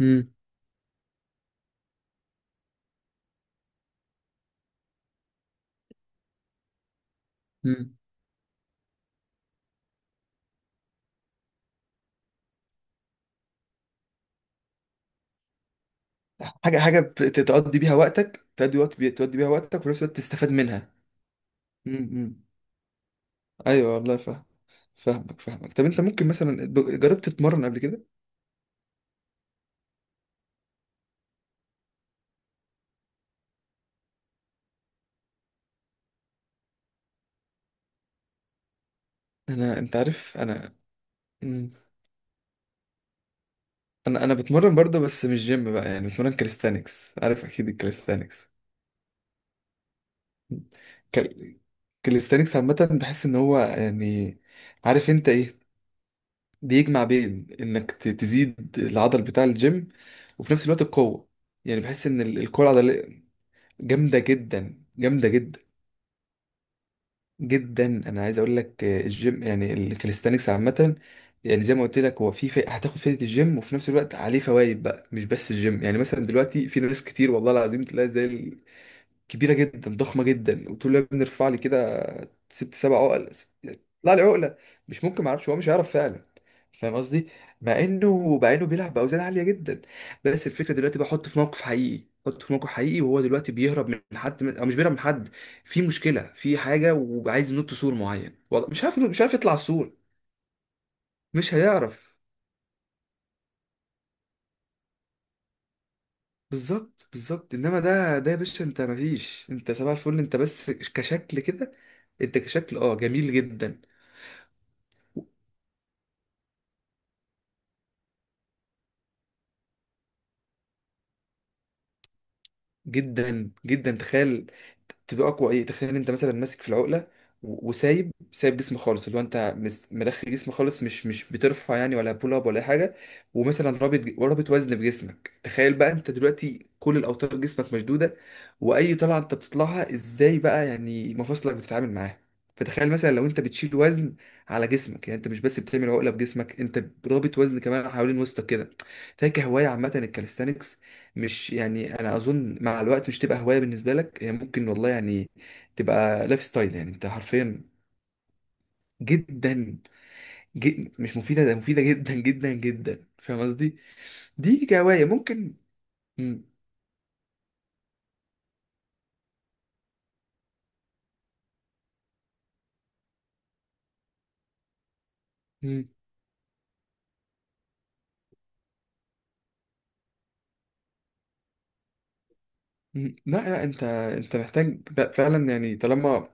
امم امم تقضي بيها وقتك تقضي وقت بي- تقضي بيها وقتك وفي نفس الوقت تستفاد منها. امم ايوه والله فاهم. فاهمك. طب انت ممكن مثلا جربت تتمرن قبل كده؟ انا انت عارف انا مم. انا بتمرن برضه، بس مش جيم بقى، يعني بتمرن كاليستانكس، عارف اكيد الكاليستانكس. كال... كاليستانكس عامه بحس ان هو يعني، عارف انت ايه، بيجمع بين انك تزيد العضل بتاع الجيم وفي نفس الوقت القوه. يعني بحس ان القوه العضليه جامدة جدا، جامدة جدا جدا. انا عايز اقول لك، الجيم يعني الكاليستانكس عامة، يعني زي ما قلت لك هو هتاخد فايدة الجيم وفي نفس الوقت عليه فوائد بقى، مش بس الجيم. يعني مثلا دلوقتي في ناس كتير والله العظيم تلاقي زي كبيرة جدا، ضخمة جدا، وتقول لها بنرفع لي كده ست سبع عقل، طلع لي عقله، مش ممكن ما اعرفش، هو مش هيعرف فعلا. فاهم قصدي؟ مع انه، مع انه بيلعب باوزان عاليه جدا. بس الفكره دلوقتي بحط في موقف حقيقي، حط في موقف حقيقي وهو دلوقتي بيهرب من حد او مش بيهرب من حد، في مشكله، في حاجه وعايز ينط سور معين، والله مش عارف، مش عارف يطلع السور، مش هيعرف. بالظبط، بالظبط، انما ده يا باشا، انت مفيش، انت سبع الفل، انت بس كشكل كده. انت كشكل اه جميل جدا. جدا جدا تخيل، تبقى اقوى ايه، تخيل انت مثلا ماسك في العقله وسايب جسم خالص، اللي هو انت مرخي جسم خالص، مش بترفع يعني، ولا بول اب ولا اي حاجه. ومثلا رابط رابط وزن بجسمك، تخيل بقى انت دلوقتي كل الاوتار جسمك مشدوده، واي طلعه انت بتطلعها ازاي بقى، يعني مفاصلك بتتعامل معاها. فتخيل مثلا لو انت بتشيل وزن على جسمك، يعني انت مش بس بتعمل عقله بجسمك، انت رابط وزن كمان حوالين وسطك كده. فاكر هوايه عامه الكاليستانكس، مش يعني، انا اظن مع الوقت مش تبقى هوايه بالنسبه لك، هي ممكن والله يعني تبقى لايف ستايل، يعني انت حرفيا. جدا، مش مفيده، ده مفيده جدا جدا جدا. فاهم قصدي؟ دي كهوايه ممكن. مم. مم. مم. لا لا، انت محتاج فعلا يعني، طالما،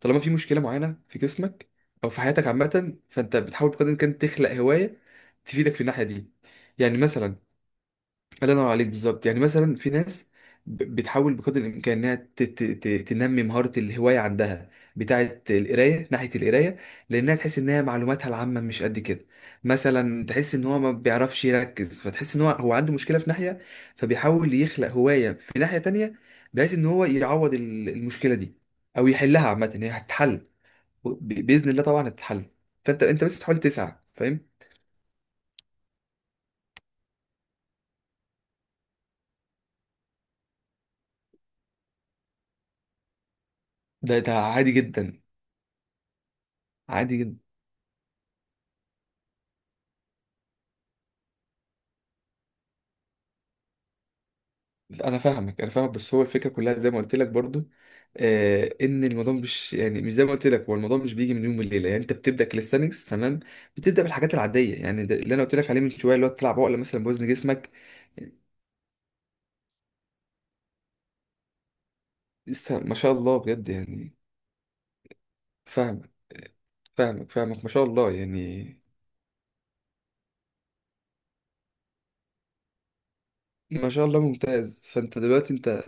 طالما في مشكله معينه في جسمك او في حياتك عامه، فانت بتحاول بقدر الامكان تخلق هوايه تفيدك في الناحيه دي. يعني مثلا، الله ينور عليك، بالظبط، يعني مثلا في ناس بتحاول بقدر الامكان انها تنمي مهاره الهوايه عندها، بتاعه القرايه، ناحيه القرايه، لانها تحس ان هي معلوماتها العامه مش قد كده. مثلا تحس ان هو ما بيعرفش يركز، فتحس ان هو عنده مشكله في ناحيه، فبيحاول يخلق هوايه في ناحيه تانية بحيث ان هو يعوض المشكله دي او يحلها. عامه هي هتتحل، باذن الله طبعا هتتحل، فانت، بس تحاول تسعى. فاهم؟ ده عادي جدا. عادي جدا. انا فاهمك انا فاهمك، بس هو الفكره كلها زي ما قلت لك برضو، ان الموضوع مش يعني، مش زي ما قلت لك، هو الموضوع مش بيجي من يوم وليله، يعني انت بتبدا كاليستانكس تمام، بتبدا بالحاجات العاديه، يعني ده اللي انا قلت لك عليه من شويه، اللي هو تلعب عقله مثلا بوزن جسمك. لسه ما شاء الله بجد يعني. فاهمك فاهمك فاهمك، ما شاء الله يعني. ما شاء الله، ممتاز. فانت دلوقتي انت،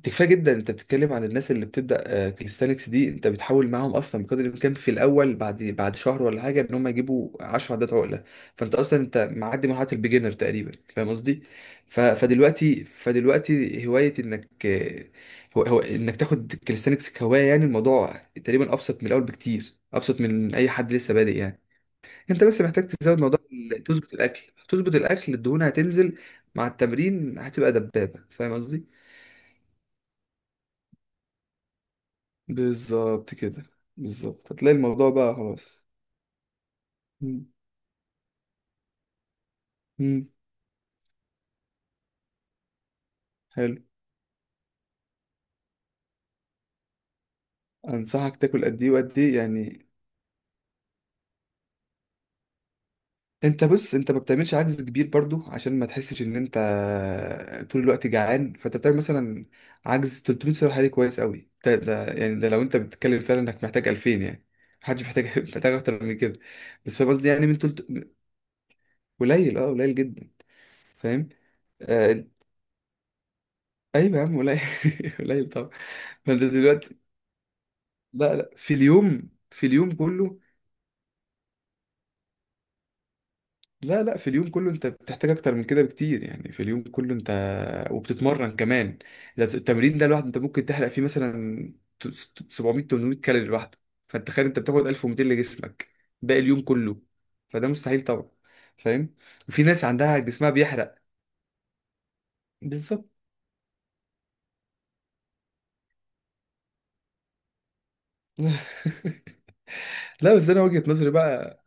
دي كفايه جدا. انت بتتكلم عن الناس اللي بتبدا، كاليستانكس دي انت بتحاول معاهم اصلا بقدر الامكان في الاول، بعد شهر ولا حاجه ان هم يجيبوا 10 عدات عقله. فانت اصلا انت معدي مرحله البيجنر تقريبا. فاهم قصدي؟ فدلوقتي هوايه انك، هو انك تاخد كاليستانكس كهوايه، يعني الموضوع تقريبا ابسط من الاول بكتير، ابسط من اي حد لسه بادئ يعني. انت بس محتاج تزود موضوع تظبط الاكل، تظبط الاكل، الدهون هتنزل مع التمرين، هتبقى دبابه. فاهم قصدي؟ بالظبط كده. بالظبط هتلاقي الموضوع بقى خلاص. مم. مم. حلو. انصحك تاكل قد ايه وقد ايه يعني؟ انت بص، انت ما بتعملش عدد كبير برضو عشان ما تحسش ان انت طول الوقت جعان، فانت بتعمل مثلا عجز 300 سعر حراري، كويس قوي ده، ده يعني، ده لو انت بتتكلم فعلا انك محتاج 2000 يعني. محدش محتاج محتاج اكتر من كده. بس فاهم قصدي، يعني من تلت، قليل اه، قليل جدا. فاهم؟ آه، ايوه يا عم، قليل قليل طبعا. فانت دلوقتي، لا لا، في اليوم، في اليوم كله. لا لا، في اليوم كله انت بتحتاج اكتر من كده بكتير، يعني في اليوم كله انت وبتتمرن كمان. ده التمرين ده لوحده انت ممكن تحرق فيه مثلا 700 800 كالوري لوحده. فانت تخيل انت بتاخد 1200 لجسمك ده اليوم كله، فده مستحيل طبعا. فاهم؟ وفي ناس عندها جسمها بيحرق. بالظبط. لا بس انا وجهة نظري بقى.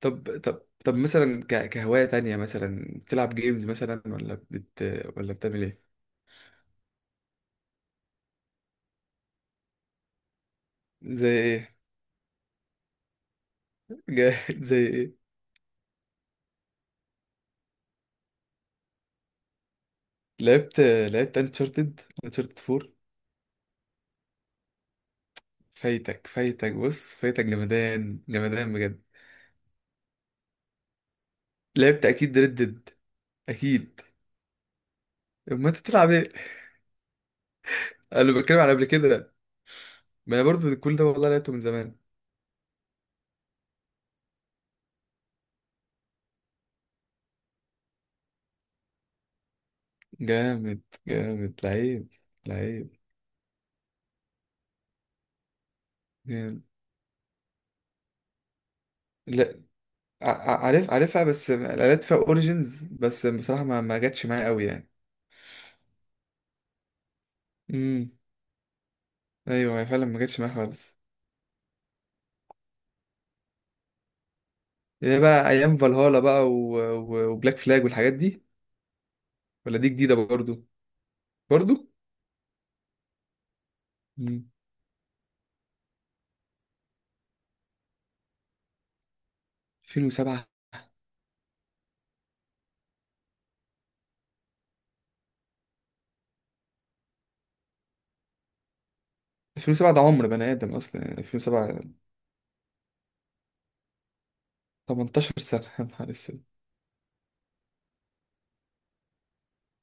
طب طب طب مثلا كهواية تانية مثلا، بتلعب جيمز مثلا ولا بتعمل ايه؟ زي ايه؟ جامد، زي ايه؟ لعبت انشارتد، انشارتد 4؟ فايتك، فايتك، بص فايتك، جمدان جمدان بجد. لعبت اكيد ريد ديد، اكيد. اما انت تلعب ايه؟ انا بتكلم على قبل كده. ما انا برضو كل ده والله لعبته من زمان. جامد. جامد. لعيب، لعيب. جامد. لا، عارف، عارفها بس لعبت فيها اوريجينز، بس بصراحه ما جاتش معايا قوي يعني. امم ايوه، هي فعلا ما جاتش معايا خالص. هي بقى ايام فالهالا بقى وبلاك فلاج والحاجات دي. ولا دي جديدة برضو؟ برضو. مم. 2007، 2007 ده عمر بني آدم أصلا، يعني 2007، 18 سنة يا نهار أسود.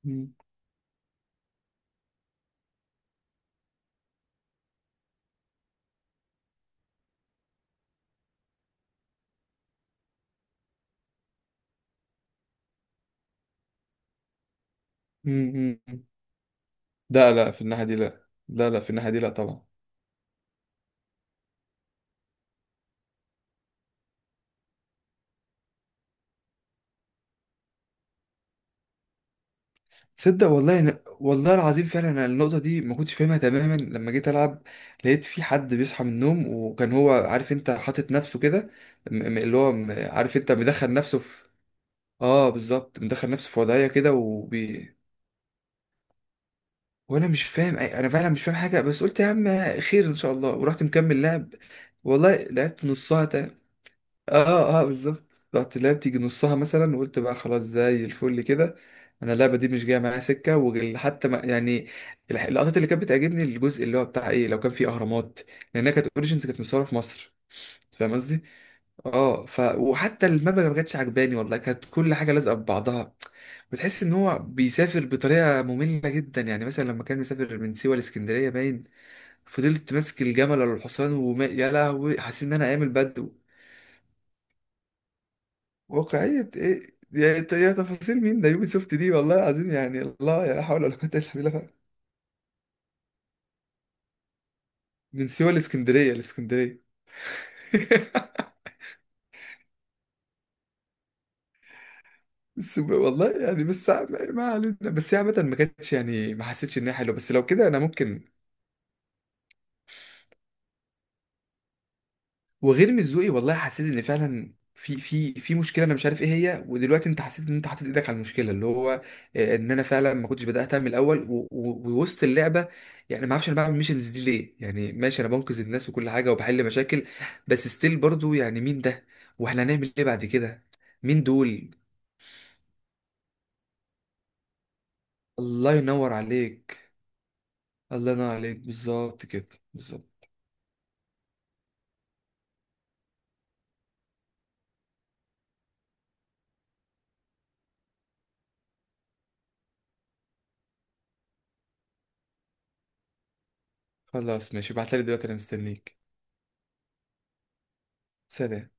مم. مم. مم. لا لا، في الناحية دي لا. لا لا، في الناحية دي لا طبعا. تصدق والله أنا، والله العظيم فعلا أنا النقطة دي ما كنتش فاهمها تماما لما جيت ألعب، لقيت في حد بيصحى من النوم وكان هو عارف أنت حاطط نفسه كده، اللي هو عارف أنت مدخل نفسه في، آه بالظبط، مدخل نفسه في وضعية كده وبي. وانا مش فاهم انا فعلا مش فاهم حاجه، بس قلت يا عم خير ان شاء الله، ورحت مكمل لعب. والله لعبت نصها تاني. اه بالظبط، رحت لعبت يجي نصها مثلا وقلت بقى خلاص زي الفل كده. انا اللعبه دي مش جايه معايا سكه، وحتى ما يعني، اللقطات اللي كانت بتعجبني الجزء اللي هو بتاع ايه لو كان فيه اهرامات، لانها كانت اوريجينز كانت مصوره في مصر. فاهم قصدي؟ اه، ف، وحتى المبنى ما كانتش عجباني والله، كانت كل حاجه لازقه في بعضها، بتحس ان هو بيسافر بطريقه ممله جدا. يعني مثلا لما كان مسافر من سيوه لاسكندريه باين، فضلت ماسك الجمل ولا الحصان، وما يا لهوي حاسس ان انا عامل بدو. واقعيه ايه يا، تفاصيل مين ده، يوبي سوفت دي، والله العظيم يعني الله، لا حول ولا قوه الا بالله. من سيوه لاسكندريه، لاسكندريه. بس والله يعني، بس ما علينا، بس هي عامة ما كانتش يعني، ما حسيتش ان هي حلوه، بس لو كده انا ممكن. وغير، مش والله حسيت ان فعلا في مشكله، انا مش عارف ايه هي، ودلوقتي انت حسيت ان انت حاطط ايدك على المشكله، اللي هو، ان انا فعلا ما كنتش بداتها من الاول ووسط اللعبه، يعني ما اعرفش انا بعمل ميشنز دي ليه، يعني ماشي انا بنقذ الناس وكل حاجه وبحل مشاكل، بس ستيل برضو، يعني مين ده؟ واحنا هنعمل ايه بعد كده؟ مين دول؟ الله ينور عليك. الله ينور عليك، بالظبط كده، بالظبط. خلاص ماشي، ابعتلي دلوقتي انا مستنيك. سلام.